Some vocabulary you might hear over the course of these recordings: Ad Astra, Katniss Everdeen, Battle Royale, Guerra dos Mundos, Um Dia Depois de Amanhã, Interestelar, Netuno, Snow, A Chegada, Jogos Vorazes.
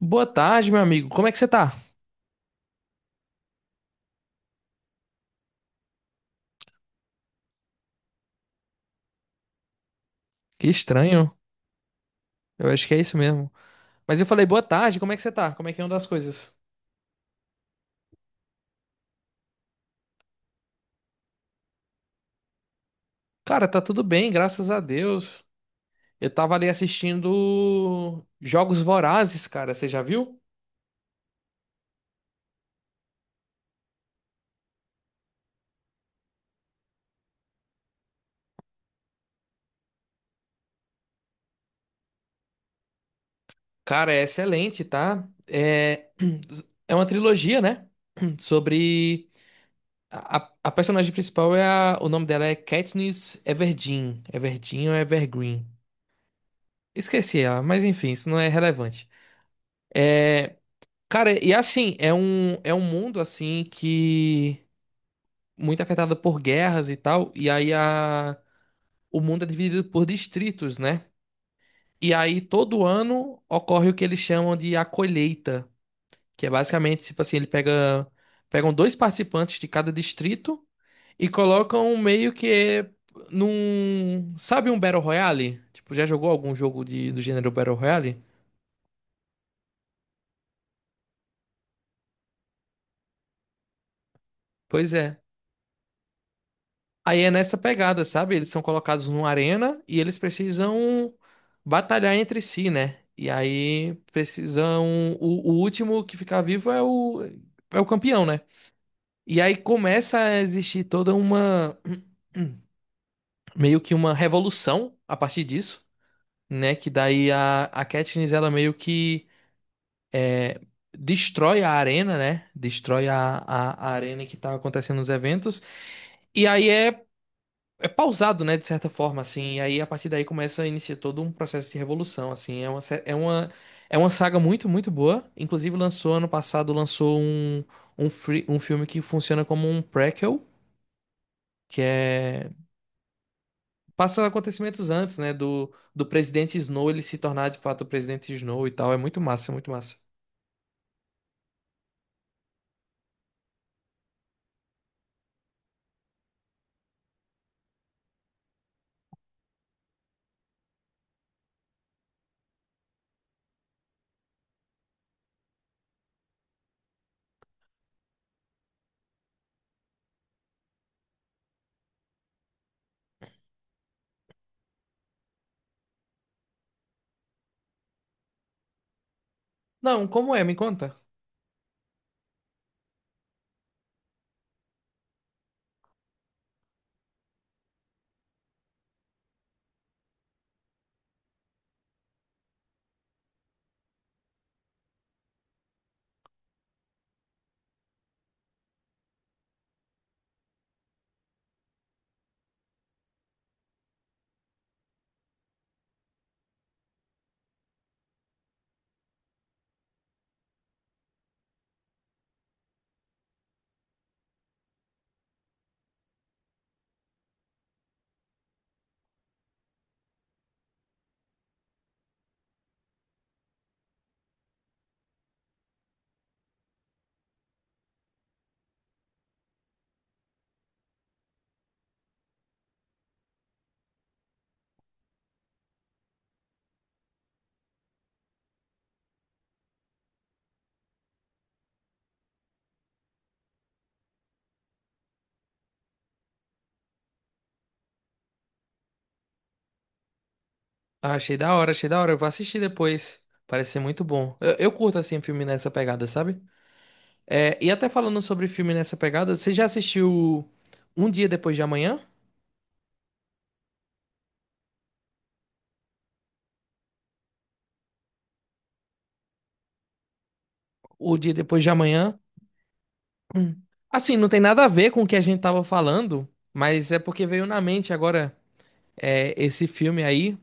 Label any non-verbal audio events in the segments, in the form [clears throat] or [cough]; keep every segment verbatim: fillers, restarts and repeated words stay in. Boa tarde, meu amigo. Como é que você tá? Que estranho. Eu acho que é isso mesmo. Mas eu falei, boa tarde, como é que você tá? Como é que anda as coisas? Cara, tá tudo bem, graças a Deus. Eu tava ali assistindo Jogos Vorazes, cara. Você já viu? Cara, é excelente, tá? É, [clears throat] é uma trilogia, né? [clears throat] Sobre. A, a a personagem principal é a... O nome dela é Katniss Everdeen. Everdeen ou Evergreen. Esqueci ela, mas enfim, isso não é relevante. É, Cara, e assim, é um, é um mundo assim que muito afetado por guerras e tal, e aí a, o mundo é dividido por distritos, né? E aí todo ano ocorre o que eles chamam de a colheita, que é basicamente tipo assim, ele pega pegam dois participantes de cada distrito e colocam meio que num, sabe um Battle Royale? Tipo, já jogou algum jogo de, do gênero Battle Royale? Pois é. Aí é nessa pegada, sabe? Eles são colocados numa arena e eles precisam batalhar entre si, né? E aí precisam. O, o último que ficar vivo é o, é o campeão, né? E aí começa a existir toda uma. [clears throat] Meio que uma revolução a partir disso, né? Que daí a, a Katniss, ela meio que destrói a arena, né? Destrói a, a, a arena que tá acontecendo nos eventos. E aí é é pausado, né, de certa forma, assim, e aí a partir daí começa a iniciar todo um processo de revolução, assim, é uma, sé- é uma, é uma saga muito, muito boa, inclusive lançou ano passado, lançou um, um, free- um filme que funciona como um prequel, que é, passa acontecimentos antes, né, do, do presidente Snow, ele se tornar de fato o presidente Snow e tal, é muito massa, muito massa. Não, como é, me conta? Ah, achei da hora, achei da hora, eu vou assistir depois, parece ser muito bom, eu, eu curto, assim, filme nessa pegada, sabe? É, e até falando sobre filme nessa pegada, você já assistiu Um Dia Depois de Amanhã? O Dia Depois de Amanhã? Assim, não tem nada a ver com o que a gente tava falando, mas é porque veio na mente agora é, esse filme aí,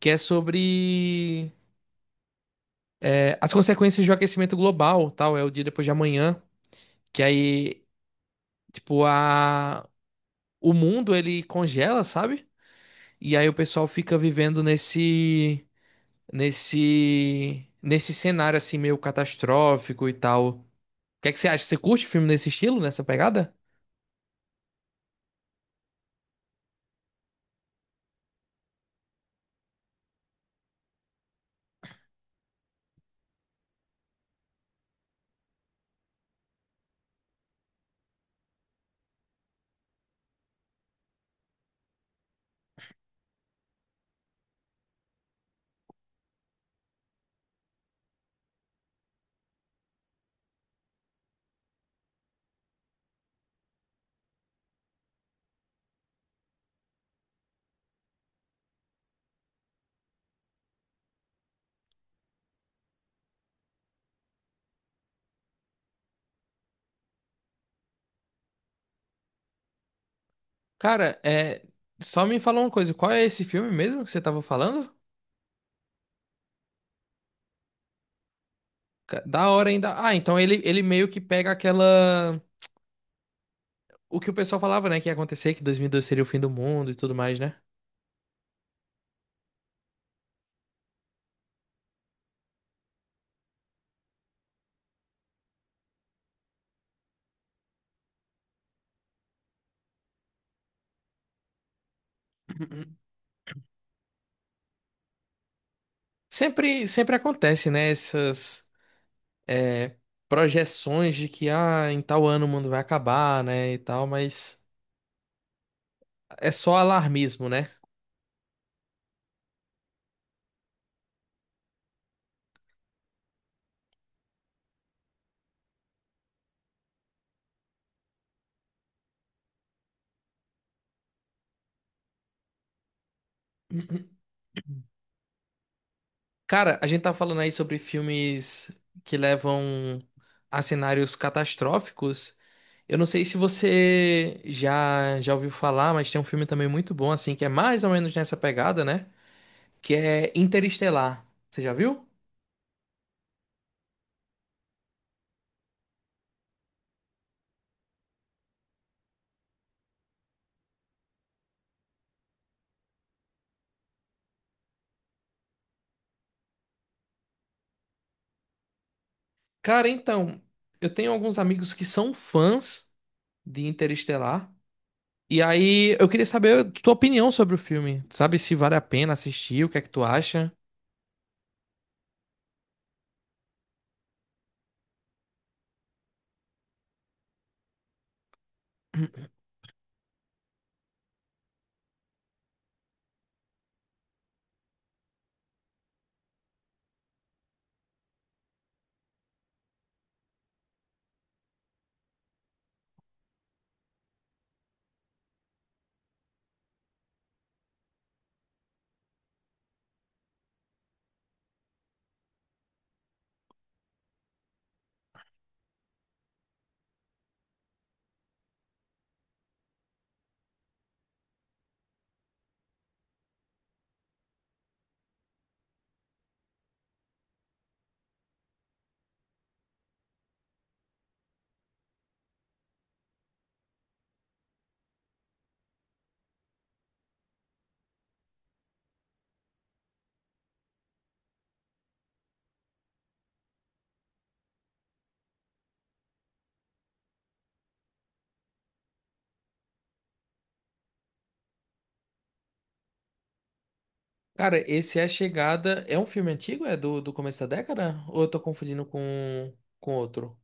que é sobre é, as consequências do aquecimento global, tal, é o Dia Depois de Amanhã, que aí, tipo, a... o mundo ele congela, sabe? E aí o pessoal fica vivendo nesse, nesse, nesse cenário assim meio catastrófico e tal. O que é que você acha? Você curte filme nesse estilo, nessa pegada? Cara, é. Só me fala uma coisa, qual é esse filme mesmo que você tava falando? Ca- Da hora ainda. Ah, então ele, ele meio que pega aquela. O que o pessoal falava, né? Que ia acontecer, que dois mil e dois seria o fim do mundo e tudo mais, né? [clears throat] Sempre, sempre acontece, né? Essas é, projeções de que ah, em tal ano o mundo vai acabar, né? E tal, mas é só alarmismo, né? Cara, a gente tá falando aí sobre filmes que levam a cenários catastróficos. Eu não sei se você já já ouviu falar, mas tem um filme também muito bom assim, que é mais ou menos nessa pegada, né? Que é Interestelar. Você já viu? Cara, então, eu tenho alguns amigos que são fãs de Interestelar. E aí, eu queria saber a tua opinião sobre o filme. Sabe se vale a pena assistir, o que é que tu acha? Cara, esse É a Chegada. É um filme antigo? É do, do começo da década? Ou eu tô confundindo com, com outro?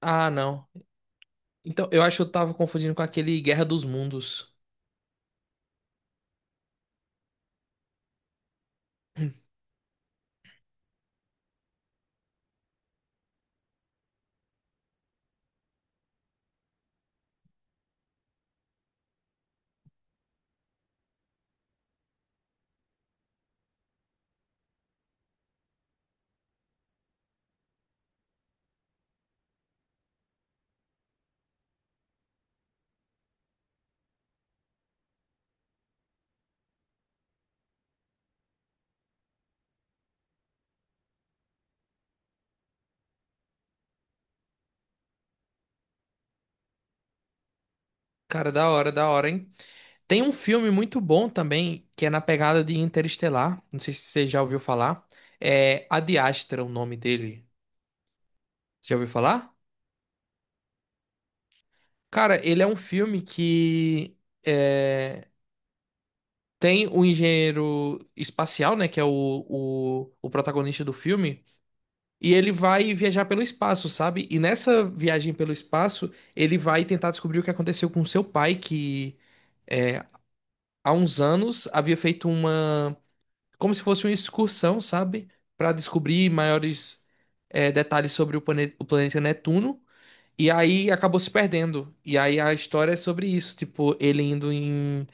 Ah, não. Então, eu acho que eu tava confundindo com aquele Guerra dos Mundos. [clears throat] Cara, da hora, da hora, hein? Tem um filme muito bom também, que é na pegada de Interestelar. Não sei se você já ouviu falar. É Ad Astra, o nome dele. Já ouviu falar? Cara, ele é um filme que é, tem o engenheiro espacial, né? Que é o, o, o protagonista do filme. E ele vai viajar pelo espaço, sabe? E nessa viagem pelo espaço, ele vai tentar descobrir o que aconteceu com seu pai, que há uns anos havia feito uma. Como se fosse uma excursão, sabe? Pra descobrir maiores eh, detalhes sobre o planeta, o planeta Netuno. E aí acabou se perdendo. E aí a história é sobre isso, tipo, ele indo em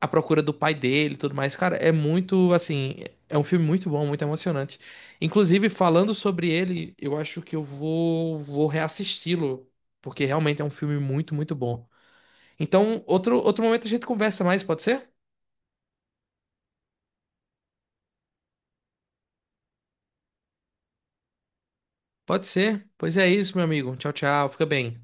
a procura do pai dele e tudo mais. Cara, é muito, assim, é um filme muito bom, muito emocionante. Inclusive, falando sobre ele, eu acho que eu vou, vou reassisti-lo, porque realmente é um filme muito, muito bom. Então, outro, outro momento a gente conversa mais, pode ser? Pode ser. Pois é isso, meu amigo. Tchau, tchau. Fica bem.